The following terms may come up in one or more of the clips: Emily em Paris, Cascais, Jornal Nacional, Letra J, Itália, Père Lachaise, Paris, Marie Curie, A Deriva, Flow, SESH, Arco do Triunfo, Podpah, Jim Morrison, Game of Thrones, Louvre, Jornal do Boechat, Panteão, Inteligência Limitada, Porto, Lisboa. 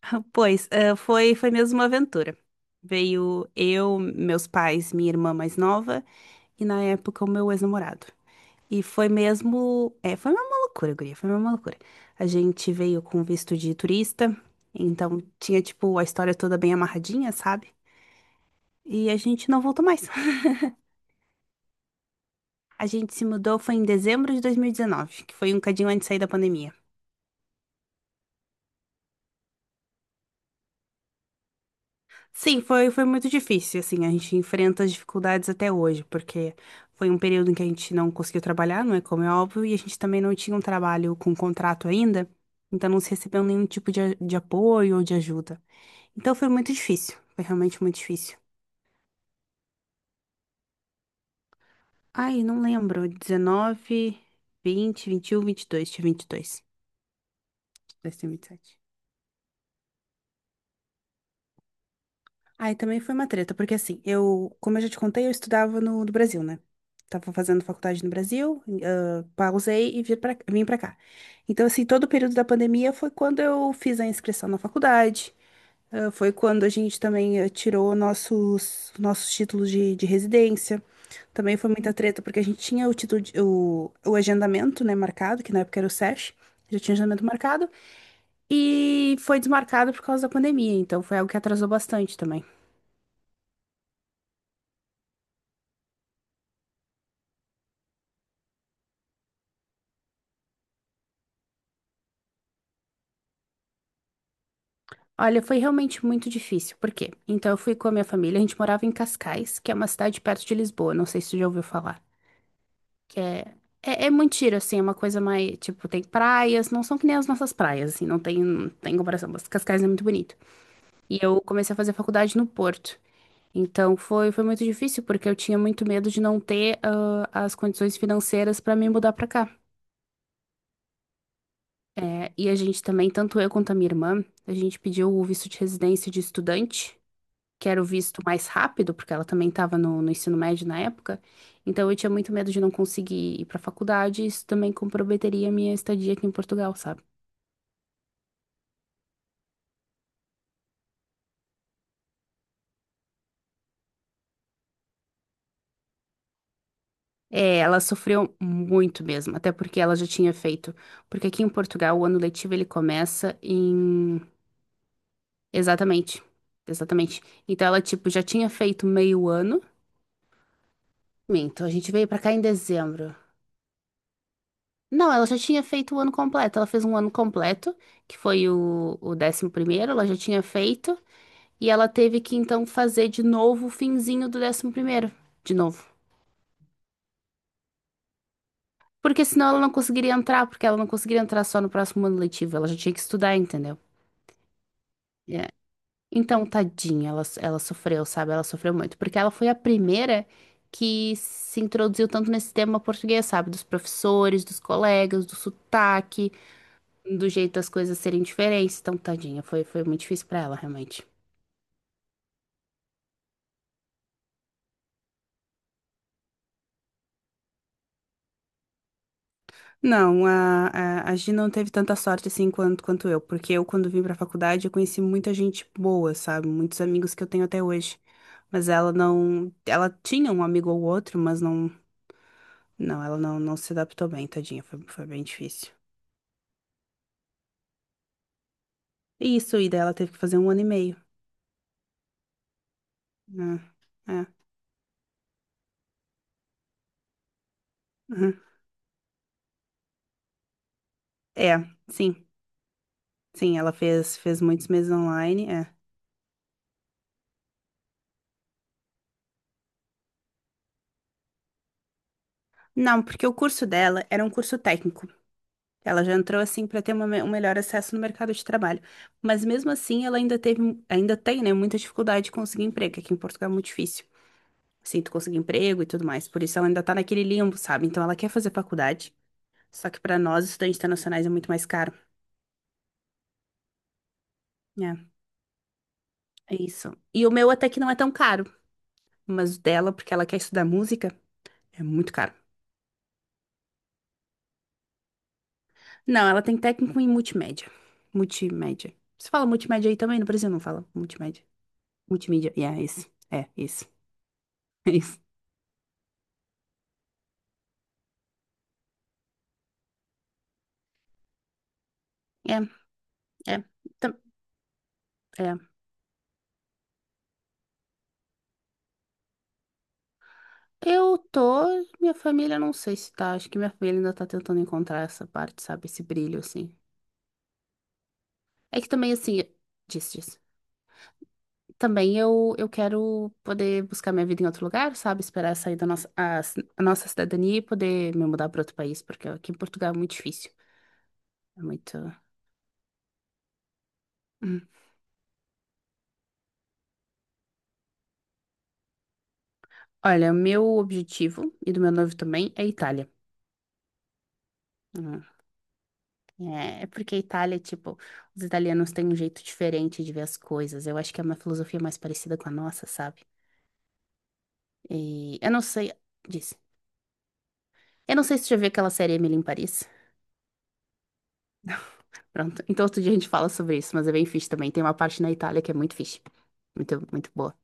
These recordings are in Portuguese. Pois, foi mesmo uma aventura. Veio eu, meus pais, minha irmã mais nova e na época o meu ex-namorado. E foi mesmo, foi uma loucura, guria, foi uma loucura. A gente veio com visto de turista, então tinha tipo a história toda bem amarradinha, sabe? E a gente não voltou mais. A gente se mudou foi em dezembro de 2019, que foi um cadinho antes de sair da pandemia. Sim, foi muito difícil, assim, a gente enfrenta as dificuldades até hoje, porque foi um período em que a gente não conseguiu trabalhar, não é como é óbvio, e a gente também não tinha um trabalho com contrato ainda, então não se recebeu nenhum tipo de apoio ou de ajuda. Então foi muito difícil, foi realmente muito difícil. Ai, não lembro, 19, 20, 21, 22, tinha 22, e 27. Aí também foi uma treta, porque assim, eu, como eu já te contei, eu estudava no Brasil, né? Tava fazendo faculdade no Brasil, pausei e vim pra cá. Então, assim, todo o período da pandemia foi quando eu fiz a inscrição na faculdade, foi quando a gente também tirou nossos títulos de residência. Também foi muita treta, porque a gente tinha o título, o agendamento, né, marcado, que na época era o SESH, já tinha agendamento marcado, e foi desmarcado por causa da pandemia, então foi algo que atrasou bastante também. Olha, foi realmente muito difícil. Por quê? Então, eu fui com a minha família. A gente morava em Cascais, que é uma cidade perto de Lisboa. Não sei se você já ouviu falar. Que é, muito giro, assim. É uma coisa mais. Tipo, tem praias. Não são que nem as nossas praias, assim. Não tem comparação. Mas Cascais é muito bonito. E eu comecei a fazer faculdade no Porto. Então, foi muito difícil, porque eu tinha muito medo de não ter as condições financeiras para me mudar para cá. É, e a gente também, tanto eu quanto a minha irmã, a gente pediu o visto de residência de estudante. Que era o visto mais rápido, porque ela também estava no ensino médio na época. Então eu tinha muito medo de não conseguir ir para a faculdade, e isso também comprometeria a minha estadia aqui em Portugal, sabe? É, ela sofreu muito mesmo, até porque ela já tinha feito. Porque aqui em Portugal o ano letivo ele começa em. Exatamente. Exatamente. Então ela, tipo, já tinha feito meio ano. Minto, a gente veio pra cá em dezembro. Não, ela já tinha feito o ano completo. Ela fez um ano completo, que foi o 11º, ela já tinha feito. E ela teve que então fazer de novo o finzinho do 11º, de novo. Porque senão ela não conseguiria entrar, porque ela não conseguiria entrar só no próximo ano letivo, ela já tinha que estudar, entendeu? É. Então, tadinha, ela sofreu, sabe? Ela sofreu muito, porque ela foi a primeira que se introduziu tanto nesse tema português, sabe? Dos professores, dos colegas, do sotaque, do jeito das coisas serem diferentes. Então, tadinha, foi muito difícil pra ela, realmente. Não, a Gi não teve tanta sorte assim quanto eu, porque eu, quando vim pra faculdade, eu conheci muita gente boa, sabe? Muitos amigos que eu tenho até hoje. Mas ela não. Ela tinha um amigo ou outro, mas não. Não, ela não se adaptou bem, tadinha. Foi bem difícil. Isso, e daí ela teve que fazer um ano e meio. Né? É, uhum. É, sim. Sim, ela fez muitos meses online. É. Não, porque o curso dela era um curso técnico. Ela já entrou assim para ter um melhor acesso no mercado de trabalho. Mas mesmo assim, ela ainda tem, né, muita dificuldade de conseguir emprego, que aqui em Portugal é muito difícil. Assim, tu conseguir emprego e tudo mais. Por isso ela ainda tá naquele limbo, sabe? Então ela quer fazer faculdade, só que para nós, estudantes internacionais, é muito mais caro. É, é isso. E o meu até que não é tão caro, mas o dela, porque ela quer estudar música, é muito caro. Não, ela tem técnico em multimédia. Multimédia. Você fala multimédia aí também? No Brasil não fala multimédia. Multimídia. Yeah, isso. É, isso. É isso. É. É, tam- é. Eu tô, minha família não sei se tá, acho que minha família ainda tá tentando encontrar essa parte, sabe, esse brilho assim. É que também assim, disse, disse. Também eu quero poder buscar minha vida em outro lugar, sabe, esperar sair da nossa a, ci- a nossa cidadania e poder me mudar para outro país, porque aqui em Portugal é muito difícil. É muito. Hum. Olha, meu objetivo e do meu noivo também é a Itália. É porque a Itália, tipo, os italianos têm um jeito diferente de ver as coisas. Eu acho que é uma filosofia mais parecida com a nossa, sabe? E eu não sei, disse. Eu não sei se você já viu aquela série Emily em Paris. Pronto. Então outro dia a gente fala sobre isso, mas é bem fixe também. Tem uma parte na Itália que é muito fixe. Muito, muito boa.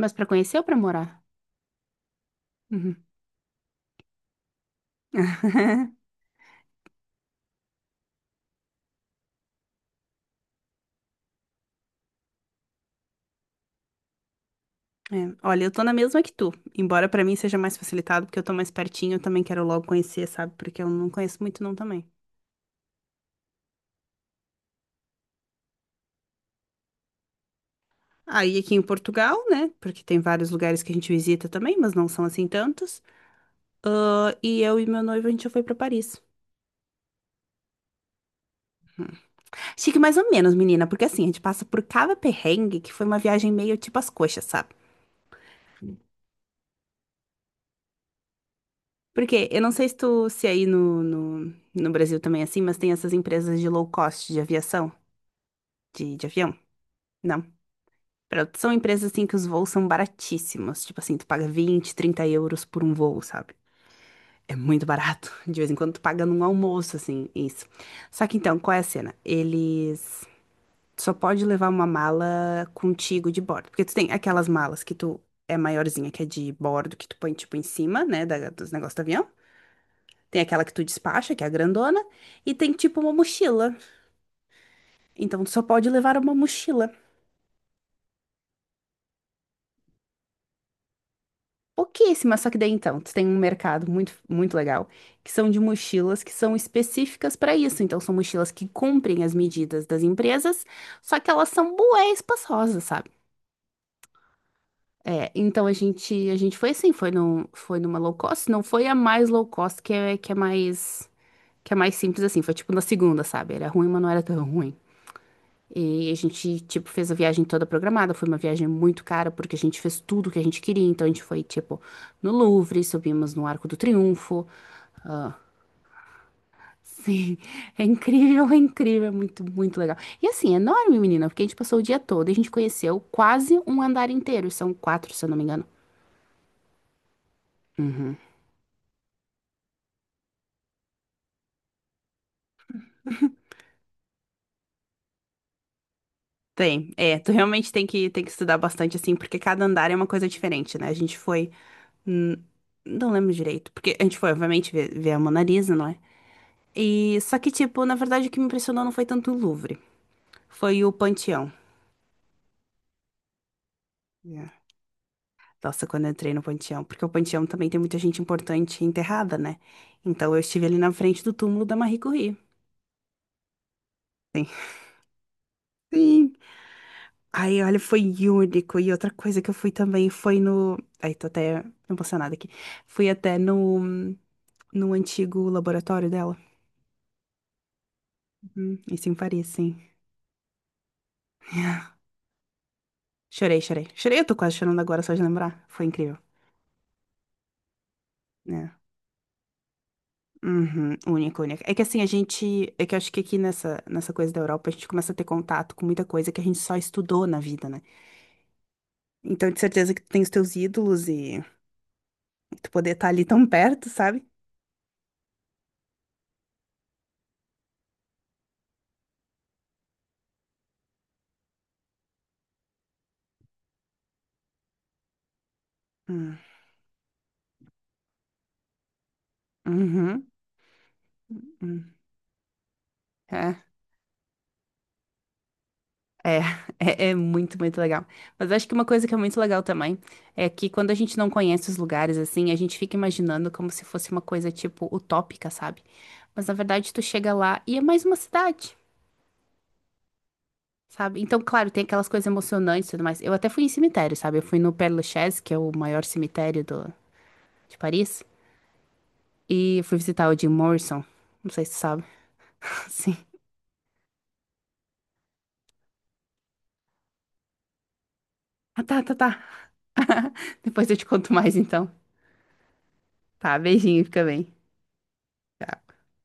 Mas pra conhecer ou pra morar? Uhum. É, olha, eu tô na mesma que tu, embora pra mim seja mais facilitado, porque eu tô mais pertinho, eu também quero logo conhecer, sabe? Porque eu não conheço muito não também. Aí aqui em Portugal, né? Porque tem vários lugares que a gente visita também, mas não são assim tantos. Ah, e eu e meu noivo, a gente já foi pra Paris. Chique mais ou menos, menina, porque assim, a gente passa por cada perrengue que foi uma viagem meio tipo as coxas, sabe? Porque eu não sei se tu, se aí no Brasil também é assim, mas tem essas empresas de low cost de aviação, de avião. Não. São empresas assim que os voos são baratíssimos. Tipo assim, tu paga 20, 30 euros por um voo, sabe? É muito barato. De vez em quando tu paga num almoço, assim, isso. Só que então, qual é a cena? Eles só pode levar uma mala contigo de bordo. Porque tu tem aquelas malas que tu é maiorzinha, que é de bordo, que tu põe tipo em cima, né, dos negócios do avião. Tem aquela que tu despacha, que é a grandona, e tem tipo uma mochila. Então tu só pode levar uma mochila. Pouquíssimas, só que daí então, tu tem um mercado muito, muito legal, que são de mochilas que são específicas para isso. Então, são mochilas que cumprem as medidas das empresas, só que elas são bué espaçosas, sabe? É, então a gente foi assim, foi numa low cost, não foi a mais low cost que é mais simples assim, foi tipo na segunda, sabe? Era ruim, mas não era tão ruim. E a gente, tipo, fez a viagem toda programada. Foi uma viagem muito cara, porque a gente fez tudo o que a gente queria. Então, a gente foi, tipo, no Louvre, subimos no Arco do Triunfo. Sim, é incrível, é incrível, é muito, muito legal. E assim, é enorme, menina, porque a gente passou o dia todo e a gente conheceu quase um andar inteiro. E são quatro, se eu não me engano. Tem, tu realmente tem que, estudar bastante, assim, porque cada andar é uma coisa diferente, né? A gente foi. hum, Não lembro direito, porque a gente foi, obviamente, ver a Mona Lisa, não é? E só que, tipo, na verdade o que me impressionou não foi tanto o Louvre, foi o Panteão. Yeah. Nossa, quando eu entrei no Panteão, porque o Panteão também tem muita gente importante enterrada, né? Então eu estive ali na frente do túmulo da Marie Curie. Sim. Sim. Aí, olha, foi único. E outra coisa que eu fui também foi no. Ai, tô até emocionada aqui. Fui até no antigo laboratório dela. Uhum. Isso em Paris, sim. Chorei, chorei. Chorei, eu tô quase chorando agora só de lembrar. Foi incrível. É. Uhum, única, única. É que assim, a gente. É que eu acho que aqui nessa coisa da Europa, a gente começa a ter contato com muita coisa que a gente só estudou na vida, né? Então, de certeza que tu tem os teus ídolos e tu poder estar ali tão perto, sabe? Hum, Uhum. Uhum. É, é, é muito, muito legal. Mas eu acho que uma coisa que é muito legal também é que quando a gente não conhece os lugares, assim, a gente fica imaginando como se fosse uma coisa, tipo, utópica, sabe? Mas na verdade, tu chega lá e é mais uma cidade. Sabe? Então, claro, tem aquelas coisas emocionantes e tudo mais. Eu até fui em cemitério, sabe? Eu fui no Père Lachaise, que é o maior cemitério de Paris, e fui visitar o Jim Morrison. Não sei se tu sabe. Sim. Ah, tá, tá, tá. Depois eu te conto mais, então. Tá, beijinho, fica bem. Tchau.